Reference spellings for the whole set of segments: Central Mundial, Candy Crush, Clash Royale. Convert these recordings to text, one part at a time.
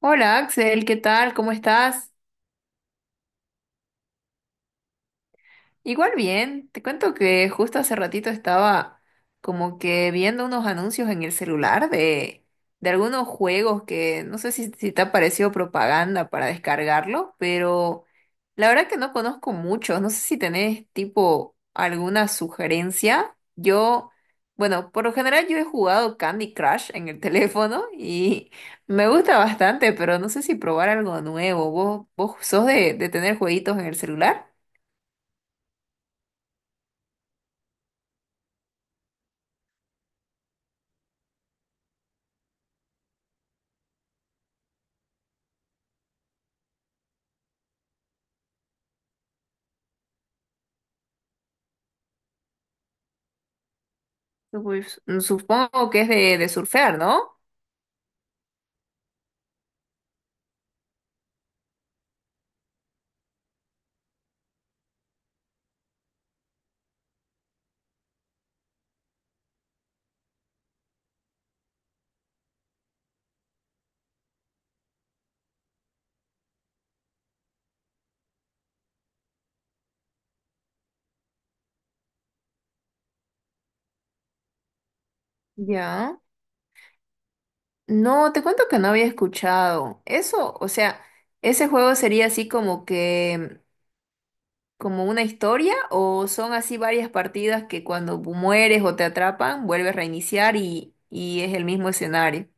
Hola Axel, ¿qué tal? ¿Cómo estás? Igual bien, te cuento que justo hace ratito estaba como que viendo unos anuncios en el celular de algunos juegos que no sé si te ha parecido propaganda para descargarlo, pero la verdad que no conozco muchos, no sé si tenés tipo alguna sugerencia. Yo, bueno, por lo general yo he jugado Candy Crush en el teléfono y me gusta bastante, pero no sé si probar algo nuevo. ¿Vos sos de tener jueguitos en el celular? Surf- supongo que es de surfear, ¿no? Ya. No, te cuento que no había escuchado. Eso, o sea, ese juego sería así como que, como una historia, o son así varias partidas que cuando mueres o te atrapan, vuelves a reiniciar y es el mismo escenario.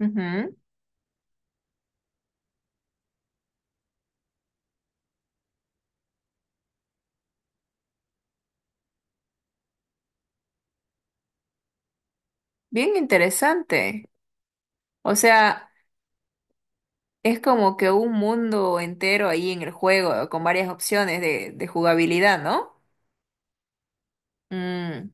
Ujú. Bien interesante. O sea, es como que un mundo entero ahí en el juego, con varias opciones de jugabilidad, ¿no? Mm,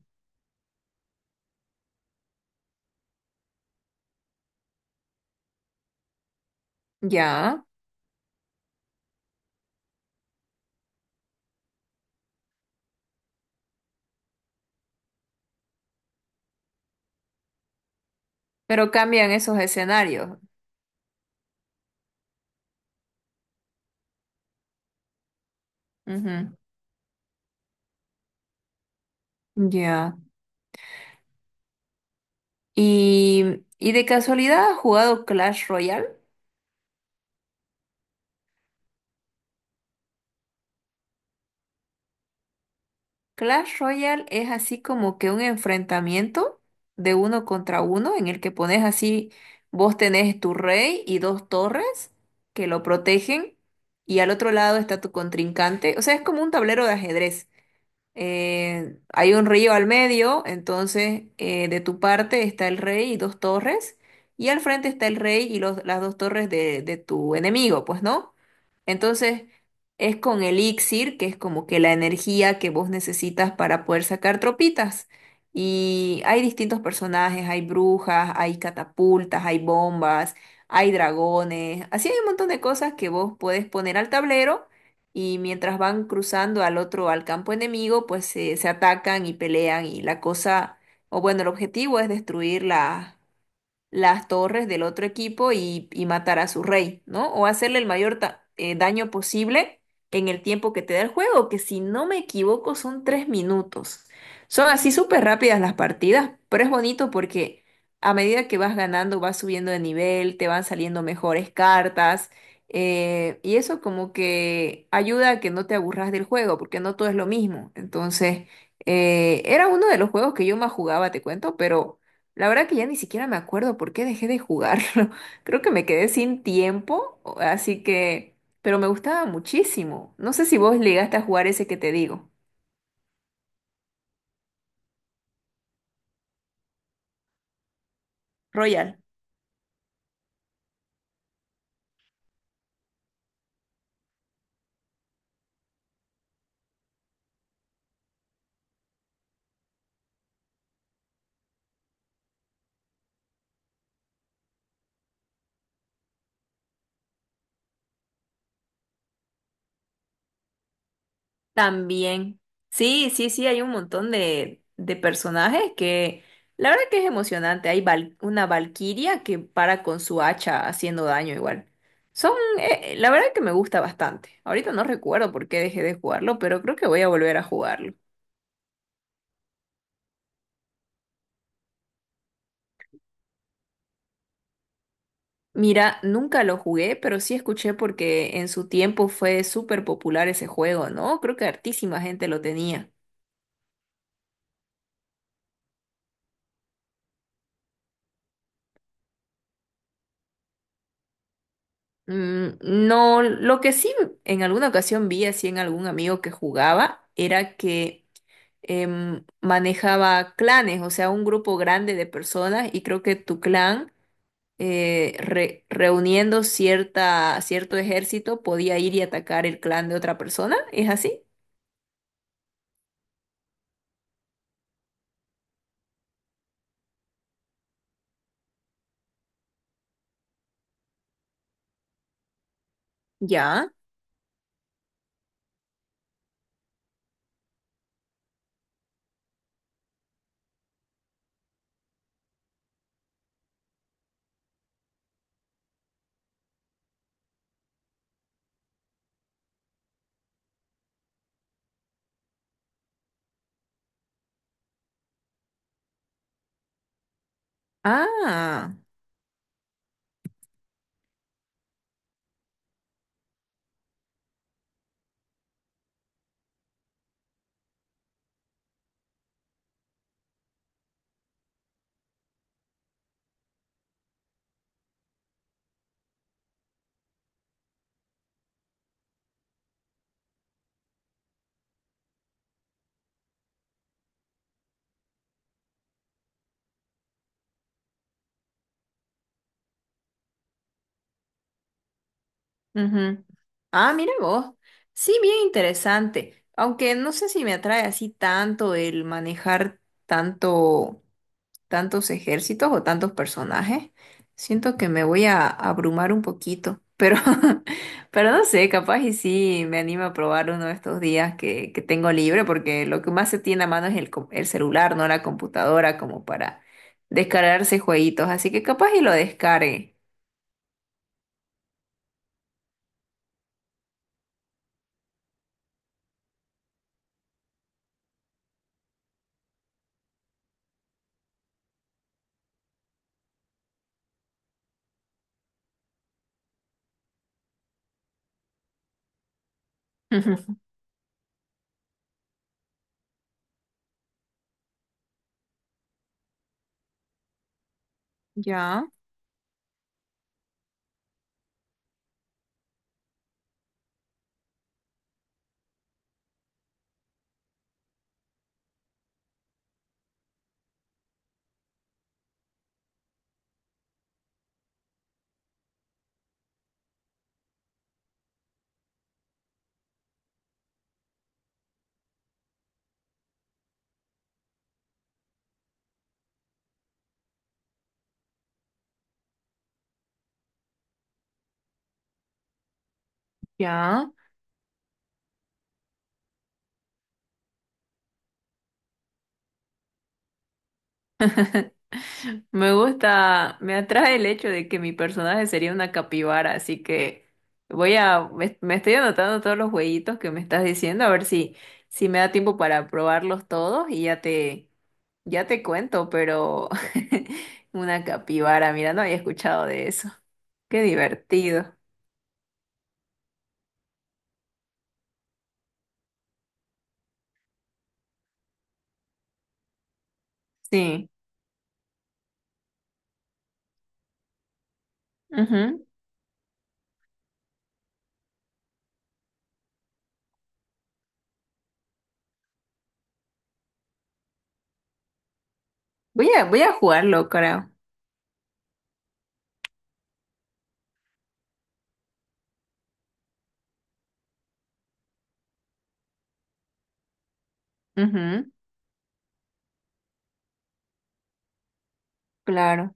ya. Pero cambian esos escenarios. Ujú. Ya. Y de casualidad has jugado Clash Royale. Clash Royale es así como que un enfrentamiento de uno contra uno en el que pones así, vos tenés tu rey y dos torres que lo protegen y al otro lado está tu contrincante. O sea, es como un tablero de ajedrez, hay un río al medio, entonces, de tu parte está el rey y dos torres, y al frente está el rey y los- las dos torres de tu enemigo, pues, ¿no? Entonces es con elixir, que es como que la energía que vos necesitas para poder sacar tropitas. Y hay distintos personajes, hay brujas, hay catapultas, hay bombas, hay dragones, así hay un montón de cosas que vos puedes poner al tablero y mientras van cruzando al otro, al campo enemigo, pues se atacan y pelean y la cosa, o bueno, el objetivo es destruir la- las torres del otro equipo y matar a su rey, ¿no? O hacerle el mayor ta- daño posible en el tiempo que te da el juego, que si no me equivoco son 3 minutos. Son así súper rápidas las partidas, pero es bonito porque a medida que vas ganando, vas subiendo de nivel, te van saliendo mejores cartas. Y eso como que ayuda a que no te aburras del juego, porque no todo es lo mismo. Entonces, era uno de los juegos que yo más jugaba, te cuento, pero la verdad que ya ni siquiera me acuerdo por qué dejé de jugarlo. Creo que me quedé sin tiempo, o- así que... Pero me gustaba muchísimo. No sé si vos llegaste a jugar ese que te digo. Royal. También. Sí, sí, sí, hay un montón de personajes que... La verdad que es emocionante. Hay val- una valquiria que para con su hacha haciendo daño igual. Son... la verdad que me gusta bastante. Ahorita no recuerdo por qué dejé de jugarlo, pero creo que voy a volver a jugarlo. Mira, nunca lo jugué, pero sí escuché porque en su tiempo fue súper popular ese juego, ¿no? Creo que hartísima gente lo tenía. No, lo que sí en alguna ocasión vi así en algún amigo que jugaba era que manejaba clanes, o sea, un grupo grande de personas y creo que tu clan, re- reuniendo cierta, cierto ejército podía ir y atacar el clan de otra persona, ¿es así? Ya. Ah. Ujú. Ah, mira vos. Sí, bien interesante. Aunque no sé si me atrae así tanto el manejar tanto, tantos ejércitos o tantos personajes. Siento que me voy a abrumar un poquito. Pero, pero no sé, capaz y sí me animo a probar uno de estos días que tengo libre, porque lo que más se tiene a mano es el, co- el celular, no la computadora, como para descargarse jueguitos. Así que capaz y lo descargue. Ya, ya. Me gusta, me atrae el hecho de que mi personaje sería una capibara, así que voy a me estoy anotando todos los jueguitos que me estás diciendo, a ver si me da tiempo para probarlos todos y ya ya te cuento, pero una capibara, mira, no había escuchado de eso. Qué divertido. Sí. Ujú. Voy voy a jugarlo, creo. Ujú. Claro.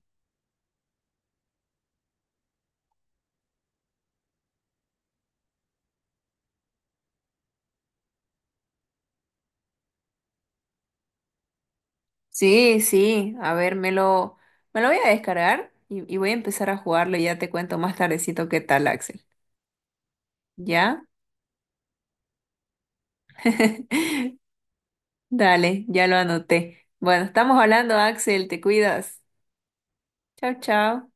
Sí, sí, a ver, me lo voy a descargar y voy a empezar a jugarlo y ya te cuento más tardecito qué tal, Axel. ¿Ya? Dale, ya lo anoté. Bueno, estamos hablando, Axel, te cuidas. Chao, chao.